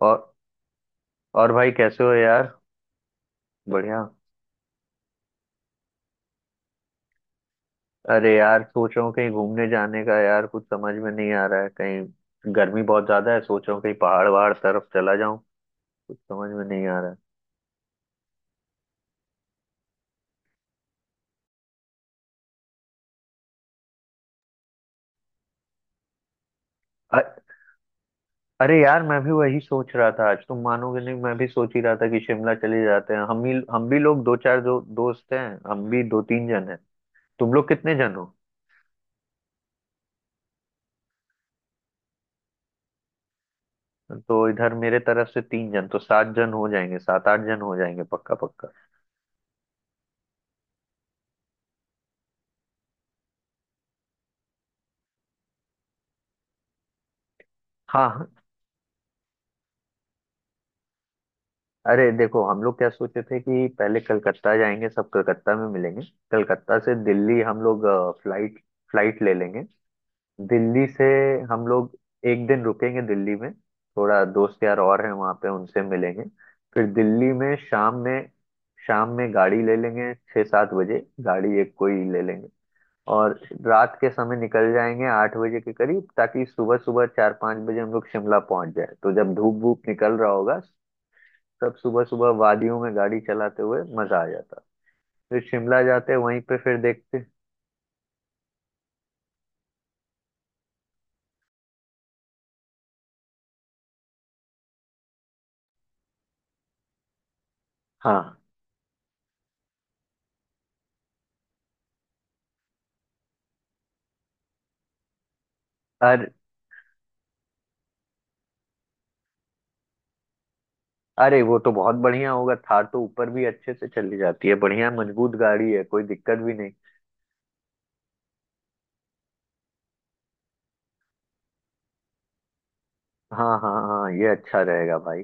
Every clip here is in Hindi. और और भाई कैसे हो यार? बढ़िया। अरे यार, सोच रहा हूँ कहीं घूमने जाने का यार, कुछ समझ में नहीं आ रहा है। कहीं गर्मी बहुत ज्यादा है, सोच रहा हूँ कहीं पहाड़ वहाड़ तरफ चला जाऊं। कुछ समझ में नहीं आ रहा है। अ- अरे यार, मैं भी वही सोच रहा था। आज तुम मानोगे नहीं, मैं भी सोच ही रहा था कि शिमला चले जाते हैं। हम भी लोग दो चार जो दोस्त हैं, हम भी दो तीन जन हैं। तुम लोग कितने जन हो? तो इधर मेरे तरफ से तीन जन, तो सात जन हो जाएंगे, सात आठ जन हो जाएंगे, पक्का पक्का। हाँ। अरे देखो, हम लोग क्या सोचे थे कि पहले कलकत्ता जाएंगे, सब कलकत्ता में मिलेंगे। कलकत्ता से दिल्ली हम लोग फ्लाइट फ्लाइट ले लेंगे। दिल्ली से हम लोग एक दिन रुकेंगे दिल्ली में, थोड़ा दोस्त यार और हैं वहाँ पे, उनसे मिलेंगे। फिर दिल्ली में शाम में गाड़ी ले लेंगे, 6 7 बजे गाड़ी एक कोई ले लेंगे। और रात के समय निकल जाएंगे 8 बजे के करीब, ताकि सुबह सुबह 4 5 बजे हम लोग शिमला पहुंच जाए, तो जब धूप धूप निकल रहा होगा। सब सुबह सुबह वादियों में गाड़ी चलाते हुए मजा आ जाता। फिर शिमला जाते वहीं पे फिर देखते। हाँ। अरे अरे, वो तो बहुत बढ़िया होगा। थार तो ऊपर भी अच्छे से चली जाती है, बढ़िया मजबूत गाड़ी है, कोई दिक्कत भी नहीं। हाँ हाँ हाँ, ये अच्छा रहेगा भाई।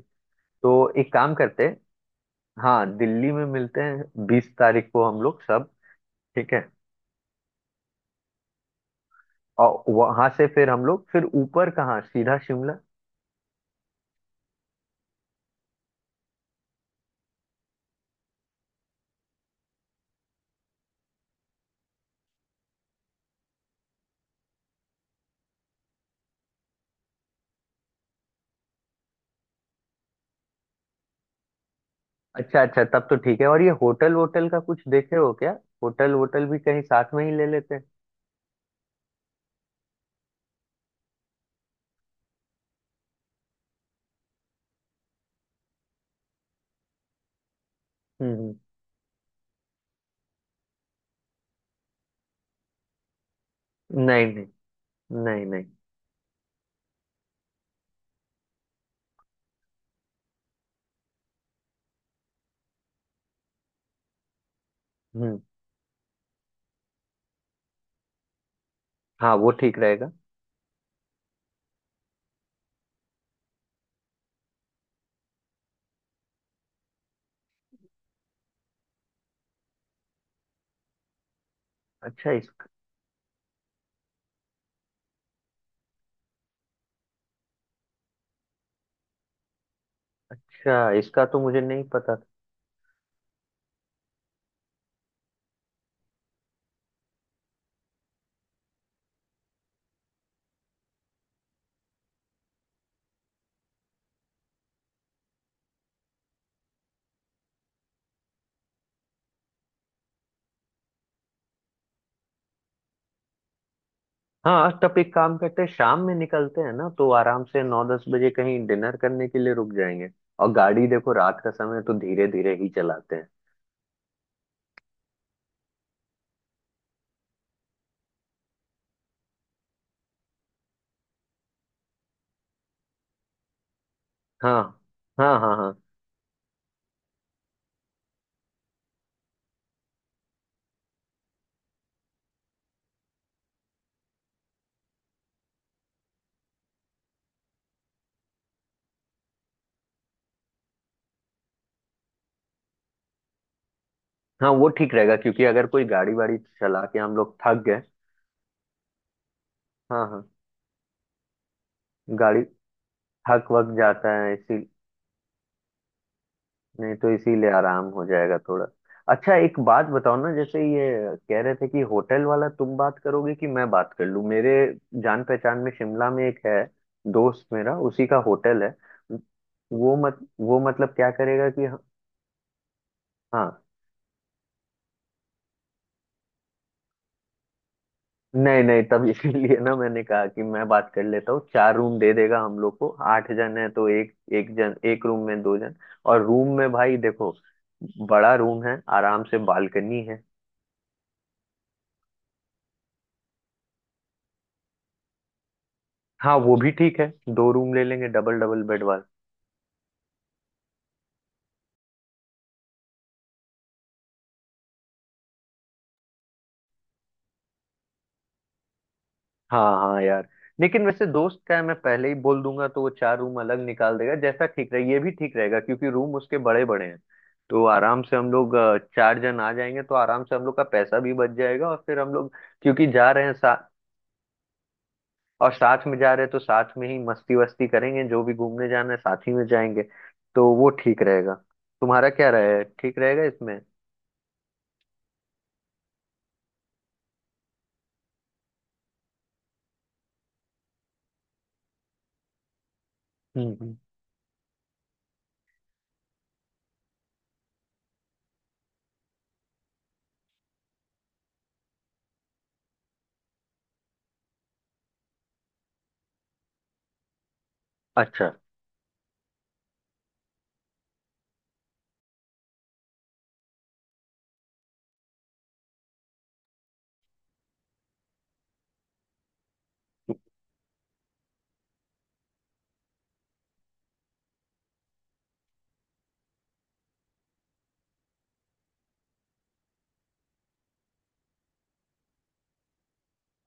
तो एक काम करते हैं। हाँ, दिल्ली में मिलते हैं 20 तारीख को हम लोग सब। ठीक है। और वहां से फिर हम लोग फिर ऊपर कहाँ, सीधा शिमला। अच्छा अच्छा, तब तो ठीक है। और ये होटल वोटल का कुछ देखे हो क्या? होटल वोटल भी कहीं साथ में ही ले लेते हैं। हम्म नहीं नहीं, नहीं नहीं। हम्म हाँ, वो ठीक रहेगा। अच्छा। इसका इसका तो मुझे नहीं पता था। हाँ, तब एक काम करते हैं। शाम में निकलते हैं ना, तो आराम से 9 10 बजे कहीं डिनर करने के लिए रुक जाएंगे। और गाड़ी देखो रात का समय है, तो धीरे धीरे ही चलाते हैं। हाँ हाँ हाँ हाँ। हाँ, वो ठीक रहेगा, क्योंकि अगर कोई गाड़ी वाड़ी चला के हम लोग थक गए। हाँ हाँ। गाड़ी थक वक जाता है इसी। नहीं तो इसीलिए आराम हो जाएगा थोड़ा। अच्छा एक बात बताओ ना, जैसे ये कह रहे थे कि होटल वाला तुम बात करोगे कि मैं बात कर लूं। मेरे जान पहचान में शिमला में एक है, दोस्त मेरा, उसी का होटल है। वो मत वो मतलब क्या करेगा कि। हाँ। नहीं नहीं, तब इसीलिए ना मैंने कहा कि मैं बात कर लेता हूँ। चार रूम दे देगा हम लोग को, आठ जन है तो एक एक जन, एक रूम में दो जन। और रूम में भाई देखो, बड़ा रूम है आराम से, बालकनी है। हाँ, वो भी ठीक है। दो रूम ले लेंगे डबल डबल बेड वाला। हाँ हाँ यार, लेकिन वैसे दोस्त का है, मैं पहले ही बोल दूंगा तो वो चार रूम अलग निकाल देगा। जैसा ठीक रहे, ये भी ठीक रहेगा क्योंकि रूम उसके बड़े बड़े हैं। तो आराम से हम लोग चार जन आ जाएंगे तो आराम से हम लोग का पैसा भी बच जाएगा, और फिर हम लोग, क्योंकि जा रहे हैं साथ। और साथ में जा रहे हैं तो साथ में ही मस्ती वस्ती करेंगे। जो भी घूमने जाना है साथ ही में जाएंगे। तो वो ठीक रहेगा। तुम्हारा क्या रहे, ठीक रहेगा इसमें? हम्म हम्म। अच्छा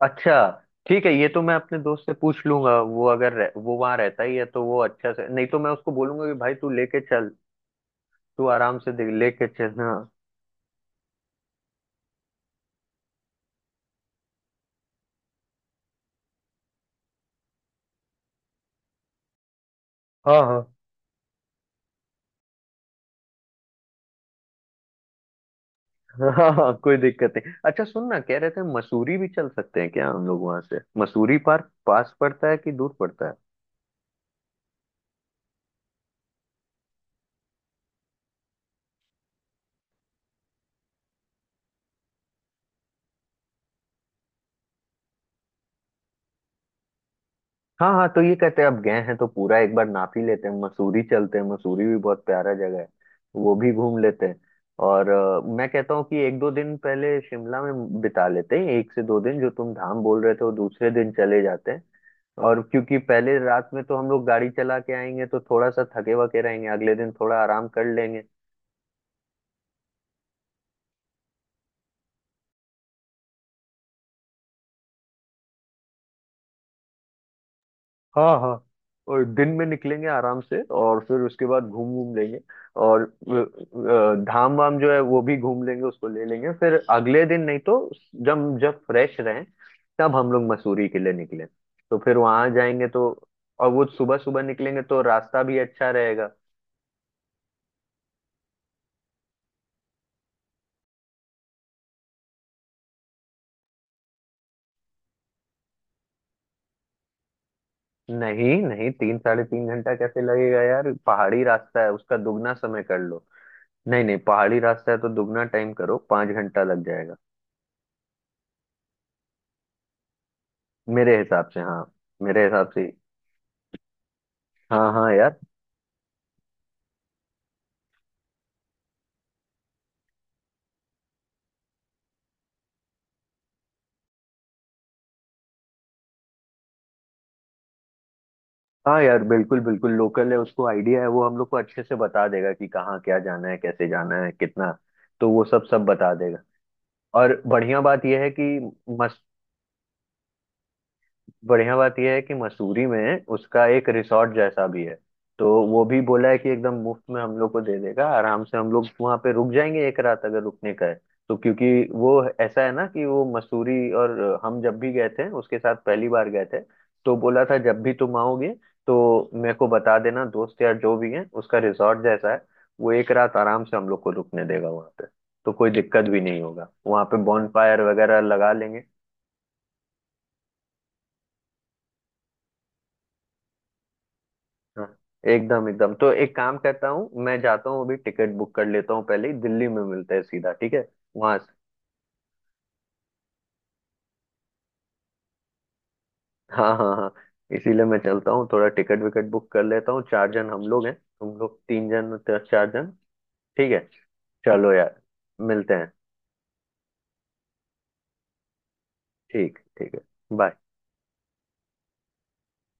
अच्छा, ठीक है। ये तो मैं अपने दोस्त से पूछ लूंगा। वो अगर रह, वो वहां रहता ही है, तो वो अच्छा से, नहीं तो मैं उसको बोलूंगा कि भाई तू लेके चल। तू आराम से देख, लेके चल, हाँ। हाँ हाँ हाँ हाँ कोई दिक्कत नहीं। अच्छा सुन ना, कह रहे थे मसूरी भी चल सकते हैं क्या हम लोग? वहां से मसूरी पार्क पास पड़ता है कि दूर पड़ता है? हाँ हाँ, तो ये कहते हैं अब गए हैं तो पूरा एक बार नाप ही लेते हैं। मसूरी चलते हैं, मसूरी भी बहुत प्यारा जगह है, वो भी घूम लेते हैं। और मैं कहता हूँ कि एक दो दिन पहले शिमला में बिता लेते हैं। एक से दो दिन जो तुम धाम बोल रहे थे, वो दूसरे दिन चले जाते हैं। और क्योंकि पहले रात में तो हम लोग गाड़ी चला के आएंगे, तो थोड़ा सा थके वके रहेंगे, अगले दिन थोड़ा आराम कर लेंगे। हाँ हाँ। और दिन में निकलेंगे आराम से, और फिर उसके बाद घूम घूम लेंगे। और धाम वाम जो है वो भी घूम लेंगे, उसको ले लेंगे फिर अगले दिन। नहीं तो जब जब फ्रेश रहें, तब हम लोग मसूरी के लिए निकले, तो फिर वहां जाएंगे तो। और वो सुबह सुबह निकलेंगे तो रास्ता भी अच्छा रहेगा। नहीं नहीं, 3 साढ़े 3 घंटा कैसे लगेगा यार? पहाड़ी रास्ता है, उसका दुगना समय कर लो। नहीं नहीं, पहाड़ी रास्ता है तो दुगना टाइम करो, 5 घंटा लग जाएगा। मेरे हिसाब से, हाँ। मेरे हिसाब से। हाँ हाँ यार। हाँ यार, बिल्कुल बिल्कुल लोकल है, उसको आइडिया है। वो हम लोग को अच्छे से बता देगा कि कहाँ क्या जाना है, कैसे जाना है, कितना। तो वो सब सब बता देगा। और बढ़िया बात यह है कि मसूरी में उसका एक रिसॉर्ट जैसा भी है। तो वो भी बोला है कि एकदम मुफ्त में हम लोग को दे देगा। आराम से हम लोग वहाँ पे रुक जाएंगे एक रात, अगर रुकने का है तो, क्योंकि वो ऐसा है ना कि वो मसूरी, और हम जब भी गए थे उसके साथ पहली बार गए थे, तो बोला था जब भी तुम आओगे तो मेरे को बता देना दोस्त, यार जो भी है उसका रिसॉर्ट जैसा है, वो एक रात आराम से हम लोग को रुकने देगा वहाँ पे। तो कोई दिक्कत भी नहीं होगा, वहाँ पे बॉन फायर वगैरह लगा लेंगे। हाँ, एकदम एकदम। तो एक काम करता हूँ, मैं जाता हूँ, अभी टिकट बुक कर लेता हूँ। पहले ही दिल्ली में मिलते हैं सीधा, ठीक है? वहां से, हाँ हाँ हाँ, इसीलिए मैं चलता हूँ, थोड़ा टिकट विकट बुक कर लेता हूँ। चार जन हम लोग हैं, तुम लोग तीन जन, चार जन। ठीक है। चलो यार, मिलते हैं। ठीक ठीक है। बाय।